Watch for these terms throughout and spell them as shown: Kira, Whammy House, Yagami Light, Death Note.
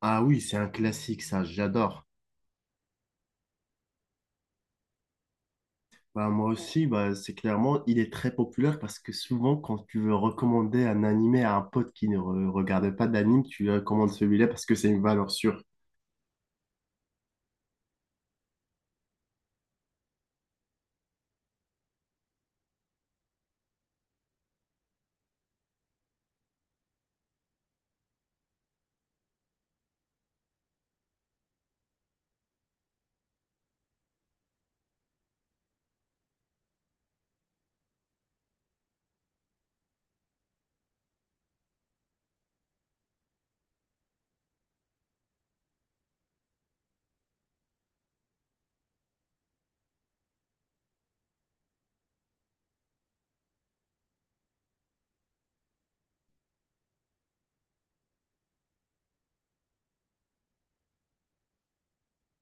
Ah oui, c'est un classique, ça, j'adore. Bah, moi aussi, bah, c'est clairement, il est très populaire parce que souvent, quand tu veux recommander un animé à un pote qui ne regarde pas d'anime, tu lui recommandes celui-là parce que c'est une valeur sûre.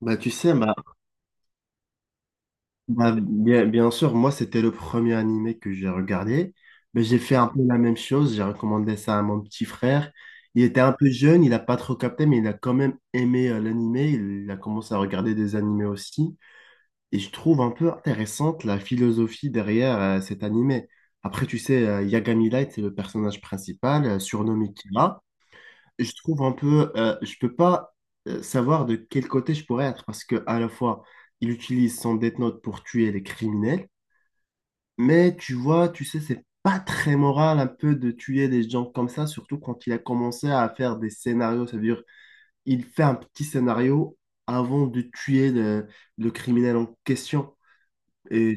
Bah, tu sais, bah, bien, bien sûr, moi, c'était le premier animé que j'ai regardé. Mais j'ai fait un peu la même chose, j'ai recommandé ça à mon petit frère. Il était un peu jeune, il n'a pas trop capté, mais il a quand même aimé l'animé. Il a commencé à regarder des animés aussi. Et je trouve un peu intéressante la philosophie derrière cet animé. Après, tu sais, Yagami Light, c'est le personnage principal, surnommé Kira. Et je trouve un peu, je peux pas savoir de quel côté je pourrais être parce que à la fois, il utilise son Death Note pour tuer les criminels, mais tu vois, tu sais, c'est pas très moral un peu de tuer des gens comme ça, surtout quand il a commencé à faire des scénarios. Ça veut dire, il fait un petit scénario avant de tuer le criminel en question. Et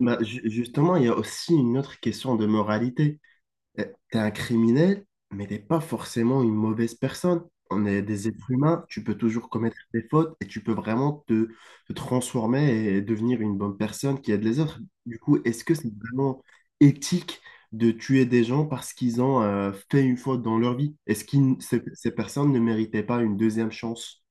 bah, justement, il y a aussi une autre question de moralité. Euh, T'es un criminel, mais t'es pas forcément une mauvaise personne. On est des êtres humains, tu peux toujours commettre des fautes et tu peux vraiment te transformer et devenir une bonne personne qui aide les autres. Du coup, est-ce que c'est vraiment éthique de tuer des gens parce qu'ils ont fait une faute dans leur vie? Est-ce que ces personnes ne méritaient pas une deuxième chance?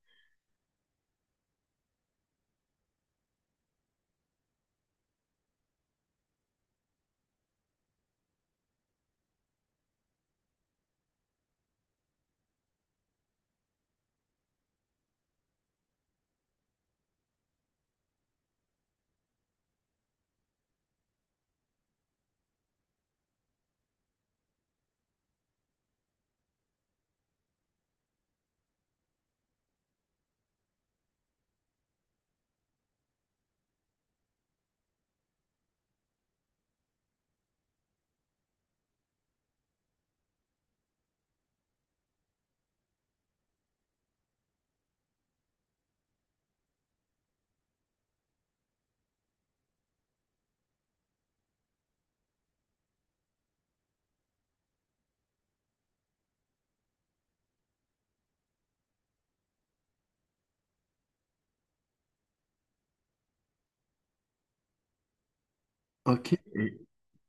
Ok, et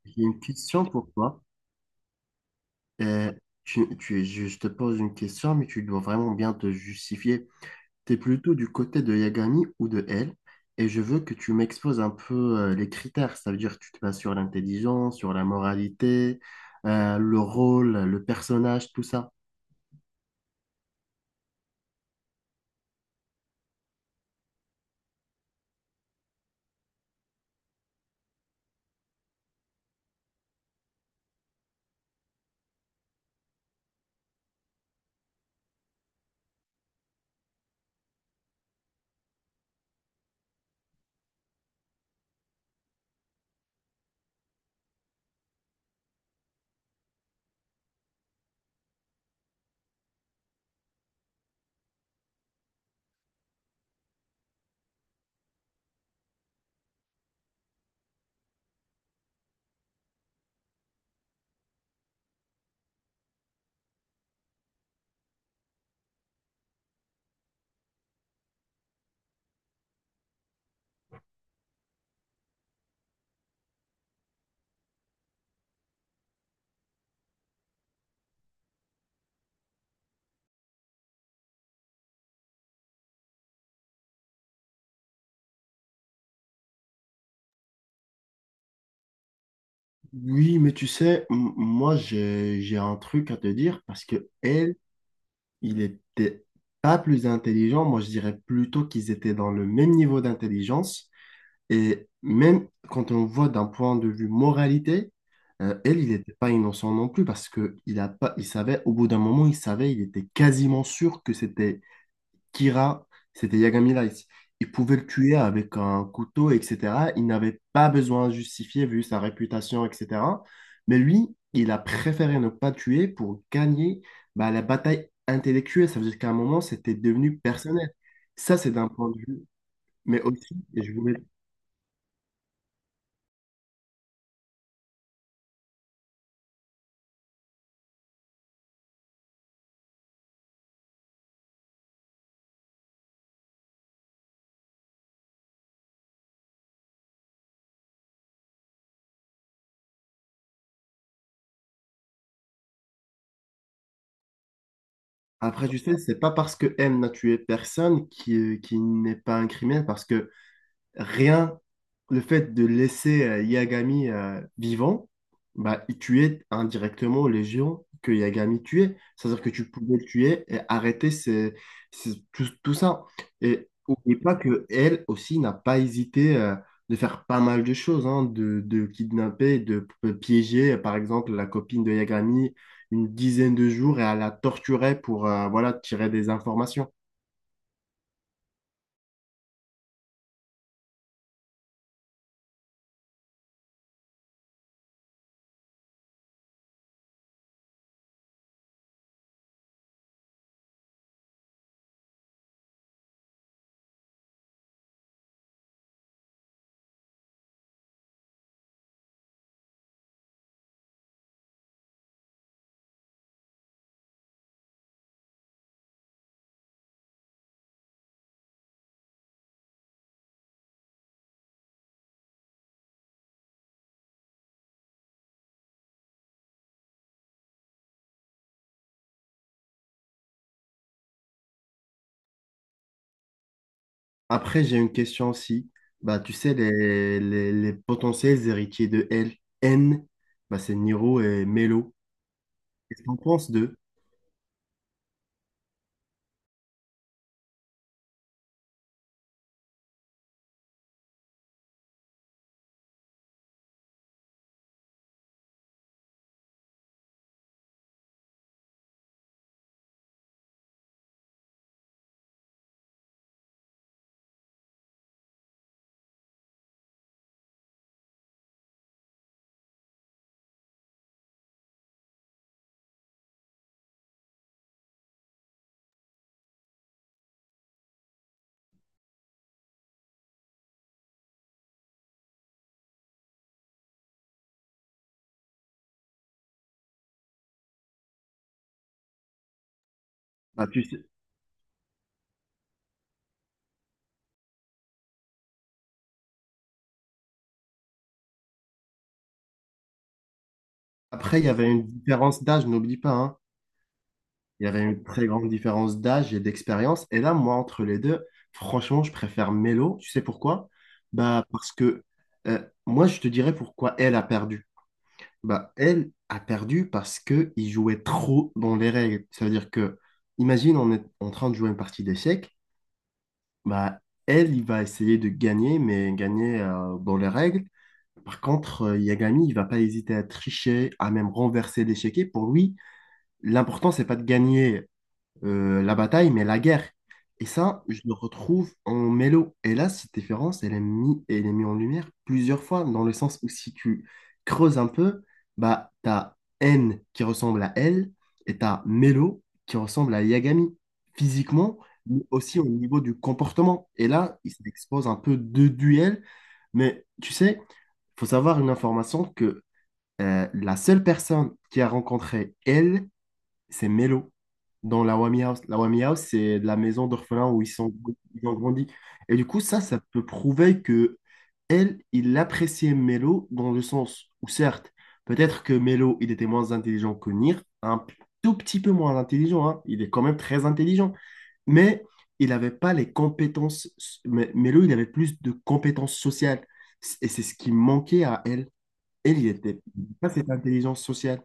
j'ai une question pour toi. Euh, je te pose une question, mais tu dois vraiment bien te justifier. Tu es plutôt du côté de Yagami ou de elle, et je veux que tu m'exposes un peu les critères. Ça veut dire que tu te bases sur l'intelligence, sur la moralité, le rôle, le personnage, tout ça. Oui, mais tu sais, moi j'ai un truc à te dire parce que elle, il était pas plus intelligent, moi je dirais plutôt qu'ils étaient dans le même niveau d'intelligence. Et même quand on voit d'un point de vue moralité, elle, il n'était pas innocent non plus parce que il a pas, il savait, au bout d'un moment, il savait, il était quasiment sûr que c'était Kira, c'était Yagami Light. Il pouvait le tuer avec un couteau, etc. Il n'avait pas besoin de justifier vu sa réputation, etc. Mais lui, il a préféré ne pas tuer pour gagner bah, la bataille intellectuelle. Ça veut dire qu'à un moment, c'était devenu personnel. Ça, c'est d'un point de vue. Mais aussi, et je voulais... Après, tu sais, c'est pas parce que M n'a tué personne qui n'est pas un criminel, parce que rien, le fait de laisser Yagami vivant, bah, il tuait indirectement les géants que Yagami tuait. C'est-à-dire que tu pouvais le tuer et arrêter tout, tout ça. Et n'oublie pas que elle aussi n'a pas hésité de faire pas mal de choses, hein, de kidnapper, de piéger, par exemple, la copine de Yagami une dizaine de jours et à la torturer pour voilà, tirer des informations. Après, j'ai une question aussi. Bah, tu sais, les potentiels héritiers de L, N, bah, c'est Niro et Melo. Qu'est-ce qu'on pense d'eux? Bah. Après, il y avait une différence d'âge, n'oublie pas, hein. Il y avait une très grande différence d'âge et d'expérience. Et là, moi, entre les deux, franchement, je préfère Melo. Tu sais pourquoi? Bah, parce que euh, moi, je te dirais pourquoi elle a perdu. Bah, elle a perdu parce que il jouait trop dans les règles. Ça veut dire que, imagine, on est en train de jouer une partie d'échecs. Bah, elle, il va essayer de gagner, mais gagner dans les règles. Par contre, Yagami, il va pas hésiter à tricher, à même renverser l'échiquier. Pour lui, l'important, c'est pas de gagner la bataille, mais la guerre. Et ça, je le retrouve en Mélo. Et là, cette différence, elle est mise en lumière plusieurs fois, dans le sens où si tu creuses un peu, bah, t'as N qui ressemble à L et t'as Mélo qui ressemble à Yagami, physiquement, mais aussi au niveau du comportement. Et là, il s'expose un peu deux duels, mais tu sais, faut savoir une information que la seule personne qui a rencontré L c'est Mello, dans la Wami House. La Wami House, c'est de la maison d'orphelins où ils sont, ils ont grandi. Et du coup, ça peut prouver que elle, il appréciait Melo dans le sens où, certes, peut-être que Melo, il était moins intelligent que Nir, tout petit peu moins intelligent, hein. Il est quand même très intelligent, mais il n'avait pas les compétences. Mais Melo, il avait plus de compétences sociales. Et c'est ce qui manquait à elle. Elle, il était pas cette intelligence sociale.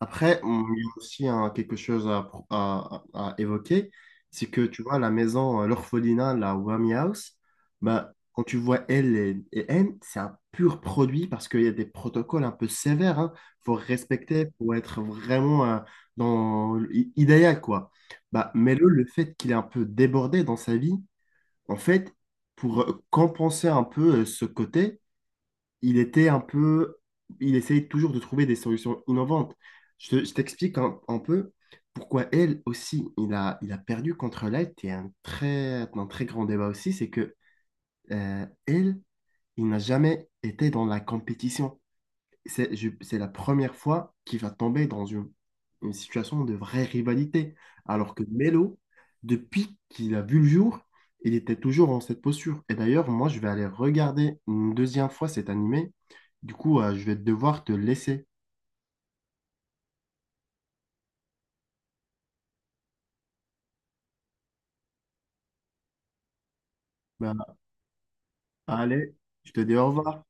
Après, il y a aussi hein, quelque chose à, pro- à évoquer, c'est que tu vois, la maison, l'orphelinat, la Whammy House, bah, quand tu vois L et N, c'est un pur produit parce qu'il y a des protocoles un peu sévères. Hein. Faut respecter pour être vraiment dans l'i- idéal, quoi. Bah, mais le fait qu'il est un peu débordé dans sa vie, en fait, pour compenser un peu ce côté, il était un peu, il essayait toujours de trouver des solutions innovantes. Je t'explique un peu pourquoi elle aussi, il a perdu contre Light et un très grand débat aussi, c'est que elle, il n'a jamais été dans la compétition. C'est la première fois qu'il va tomber dans une situation de vraie rivalité. Alors que Melo, depuis qu'il a vu le jour, il était toujours en cette posture. Et d'ailleurs, moi, je vais aller regarder une deuxième fois cet animé. Du coup, je vais devoir te laisser. Bah, allez, je te dis au revoir.